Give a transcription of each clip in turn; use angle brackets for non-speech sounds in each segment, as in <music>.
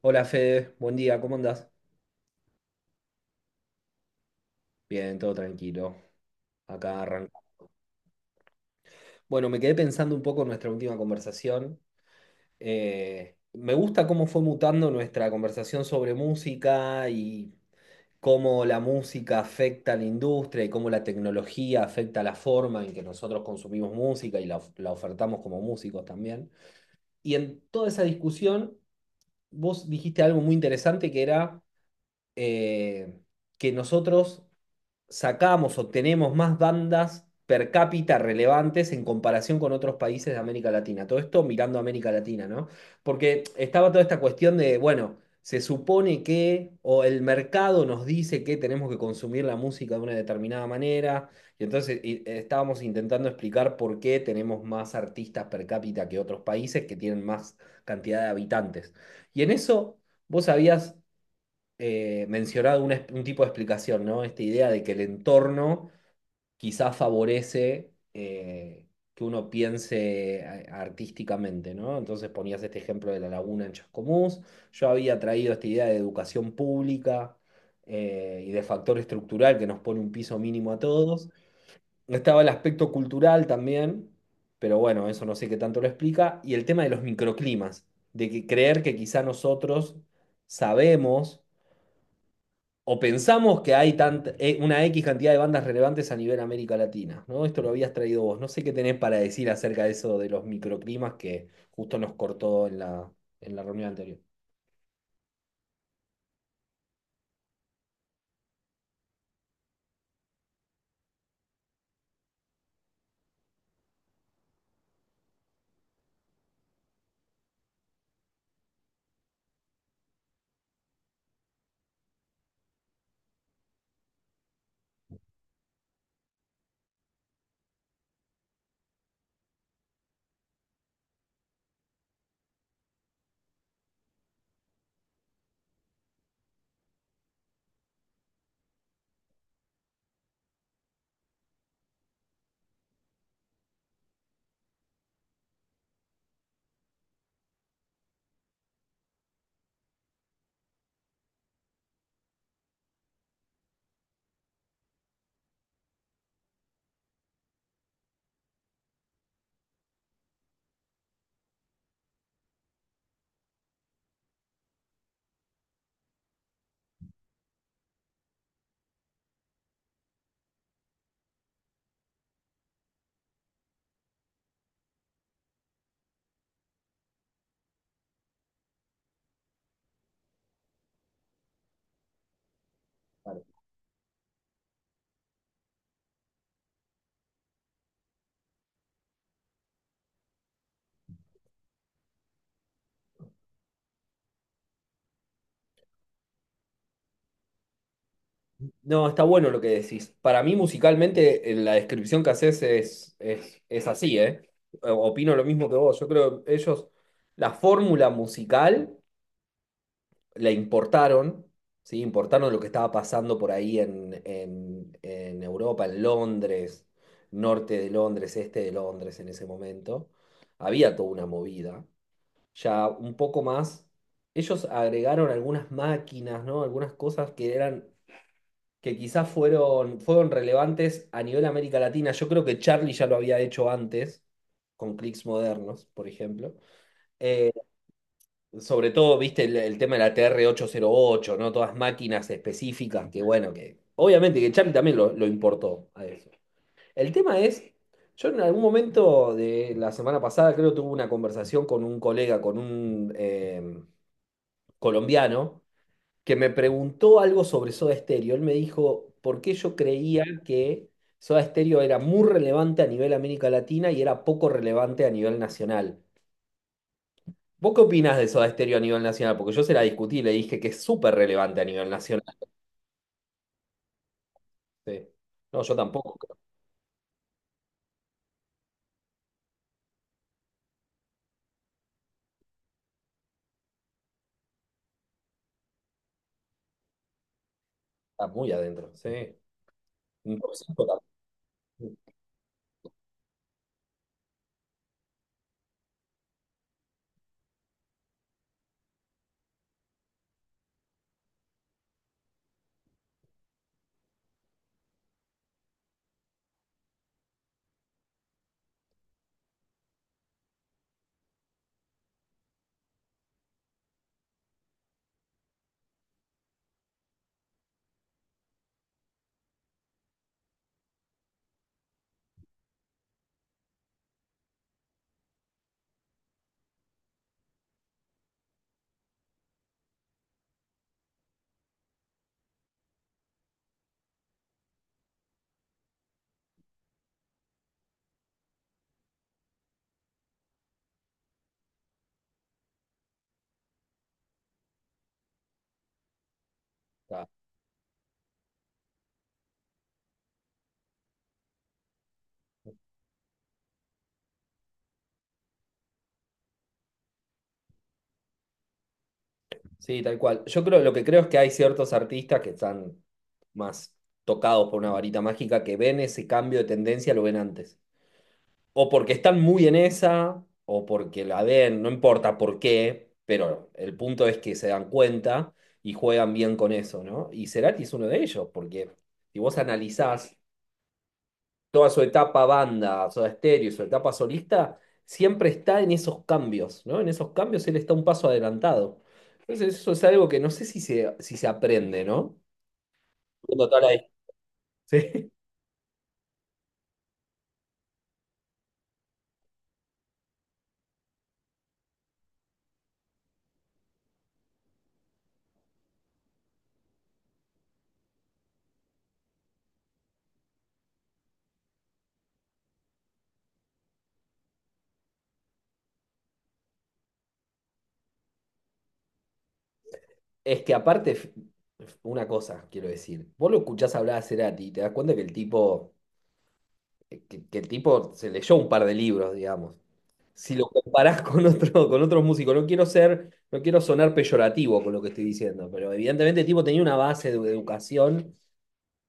Hola Fede, buen día, ¿cómo andás? Bien, todo tranquilo. Acá arranco. Bueno, me quedé pensando un poco en nuestra última conversación. Me gusta cómo fue mutando nuestra conversación sobre música y cómo la música afecta a la industria y cómo la tecnología afecta la forma en que nosotros consumimos música y la, la ofertamos como músicos también. Y en toda esa discusión, vos dijiste algo muy interesante que era eh, que nosotros sacamos o tenemos más bandas per cápita relevantes en comparación con otros países de América Latina. Todo esto mirando a América Latina, ¿no? Porque estaba toda esta cuestión de, bueno, se supone que, o el mercado nos dice que tenemos que consumir la música de una determinada manera, y entonces estábamos intentando explicar por qué tenemos más artistas per cápita que otros países que tienen más cantidad de habitantes. Y en eso, vos habías mencionado un tipo de explicación, ¿no? Esta idea de que el entorno quizás favorece que uno piense artísticamente, ¿no? Entonces ponías este ejemplo de la laguna en Chascomús. Yo había traído esta idea de educación pública y de factor estructural que nos pone un piso mínimo a todos. Estaba el aspecto cultural también, pero bueno, eso no sé qué tanto lo explica. Y el tema de los microclimas, de que creer que quizá nosotros sabemos o pensamos que hay una X cantidad de bandas relevantes a nivel América Latina, ¿no? Esto lo habías traído vos. No sé qué tenés para decir acerca de eso de los microclimas que justo nos cortó en la reunión anterior. Vale. No, está bueno lo que decís. Para mí, musicalmente, en la descripción que haces es así, ¿eh? Opino lo mismo que vos. Yo creo que ellos, la fórmula musical la importaron, ¿sí? Importaron lo que estaba pasando por ahí en Europa, en Londres, norte de Londres, este de Londres en ese momento. Había toda una movida. Ya un poco más, ellos agregaron algunas máquinas, ¿no? Algunas cosas que eran, que quizás fueron relevantes a nivel América Latina. Yo creo que Charlie ya lo había hecho antes, con clics modernos, por ejemplo. Eh, Sobre todo, viste, el tema de la tr ocho, ¿no? Todas máquinas específicas que, bueno, que obviamente que Charlie también lo importó a eso. El tema es, yo en algún momento de la semana pasada creo tuve una conversación con un colega, con un colombiano, que me preguntó algo sobre Soda Stereo. Él me dijo por qué yo creía que Soda Stereo era muy relevante a nivel América Latina y era poco relevante a nivel nacional. ¿Vos qué opinás de Soda Stereo a nivel nacional? Porque yo se la discutí y le dije que es súper relevante a nivel nacional. Sí. No, yo tampoco, creo que está muy adentro. Sí. Un top cinco también está. Sí, tal cual. Yo creo, lo que creo es que hay ciertos artistas que están más tocados por una varita mágica que ven ese cambio de tendencia, lo ven antes. O porque están muy en esa, o porque la ven, no importa por qué, pero el punto es que se dan cuenta y juegan bien con eso, ¿no? Y Cerati es uno de ellos, porque si vos analizás toda su etapa banda, Soda Stereo, su etapa solista, siempre está en esos cambios, ¿no? En esos cambios él está un paso adelantado. Entonces eso es algo que no sé si se aprende, ¿no? Viendo toda la- Sí. Es que aparte, f- una cosa quiero decir, vos lo escuchás hablar a Cerati y te das cuenta que el tipo, que el tipo se leyó un par de libros, digamos. Si lo comparás con otro, con otros músicos, no quiero ser, no quiero sonar peyorativo con lo que estoy diciendo, pero evidentemente el tipo tenía una base de educación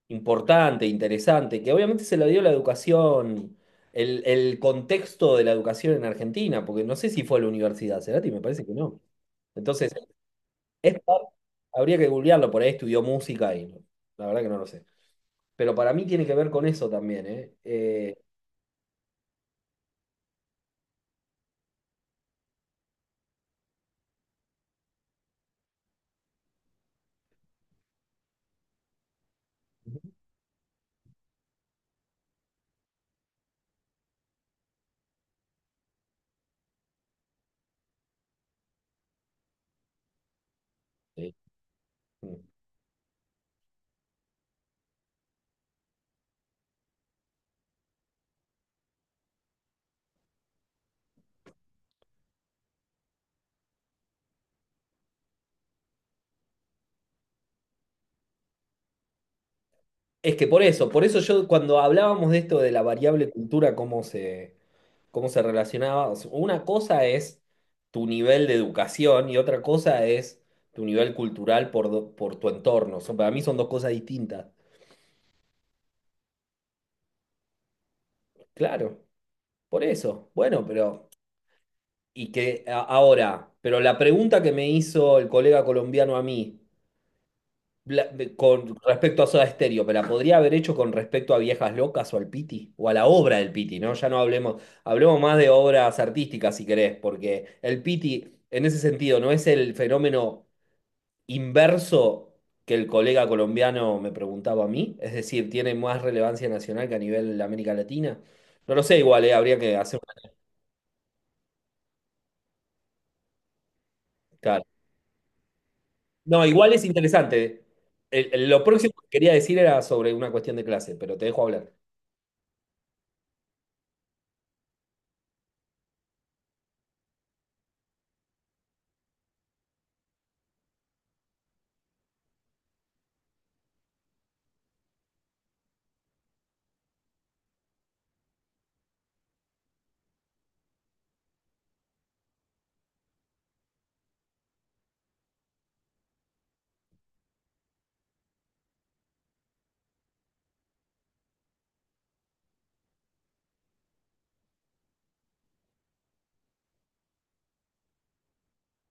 importante, interesante, que obviamente se la dio la educación, el contexto de la educación en Argentina, porque no sé si fue a la universidad, Cerati, me parece que no. Entonces, es habría que googlearlo, por ahí estudió música y no- la verdad que no lo sé. Pero para mí tiene que ver con eso también, ¿eh? Sí. Es que por eso yo cuando hablábamos de esto de la variable cultura, cómo se relacionaba. O sea, una cosa es tu nivel de educación y otra cosa es tu nivel cultural por, por tu entorno. Son- para mí son dos cosas distintas. Claro, por eso. Bueno, pero... Y que ahora, pero la pregunta que me hizo el colega colombiano a mí con respecto a Soda Stereo, ¿me la podría haber hecho con respecto a Viejas Locas o al Piti? O a la obra del Piti, ¿no? Ya no hablemos, hablemos más de obras artísticas si querés, porque el Piti en ese sentido no es el fenómeno inverso que el colega colombiano me preguntaba a mí, es decir, tiene más relevancia nacional que a nivel de América Latina. No lo sé, igual, habría que hacer una escala. No, igual es interesante. Lo próximo que quería decir era sobre una cuestión de clase, pero te dejo hablar.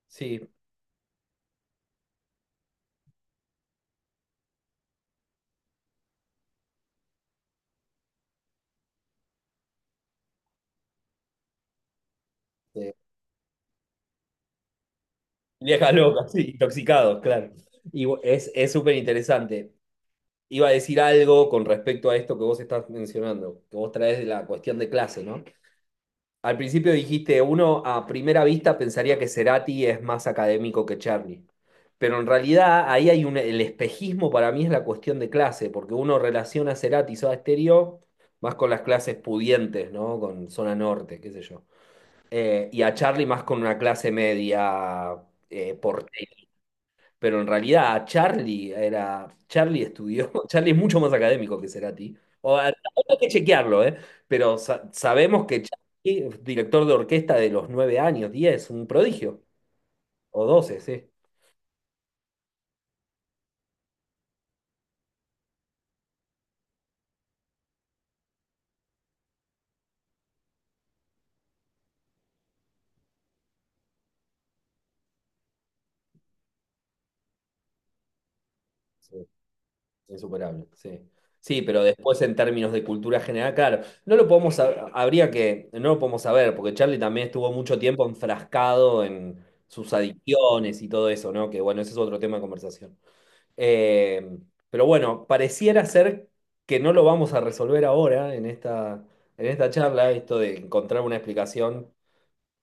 Sí, eh, viejas locas, sí, intoxicados, claro. Y es súper interesante. Iba a decir algo con respecto a esto que vos estás mencionando, que vos traes de la cuestión de clase, ¿no? Al principio dijiste, uno a primera vista pensaría que Cerati es más académico que Charlie, pero en realidad ahí hay un, el espejismo para mí es la cuestión de clase, porque uno relaciona a Cerati y Soda Stereo más con las clases pudientes, ¿no? Con zona norte, qué sé yo. Y a Charlie más con una clase media, por pero en realidad a Charlie era. Charlie estudió. <laughs> Charlie es mucho más académico que Cerati. Hay que chequearlo, ¿eh? Pero sabemos que Charlie, director de orquesta de los nueve años, 10, un prodigio. O 12 sí. Sí, insuperable, sí. Sí, pero después en términos de cultura general, claro, no lo podemos habría que, no lo podemos saber, porque Charlie también estuvo mucho tiempo enfrascado en sus adicciones y todo eso, ¿no? Que bueno, ese es otro tema de conversación. Eh, pero bueno, pareciera ser que no lo vamos a resolver ahora en esta charla, esto de encontrar una explicación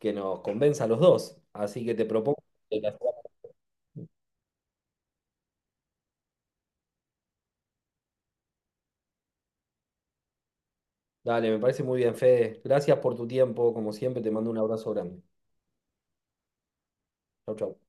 que nos convenza a los dos. Así que te propongo que la- Dale, me parece muy bien, Fede. Gracias por tu tiempo, como siempre, te mando un abrazo grande. Chau, chau.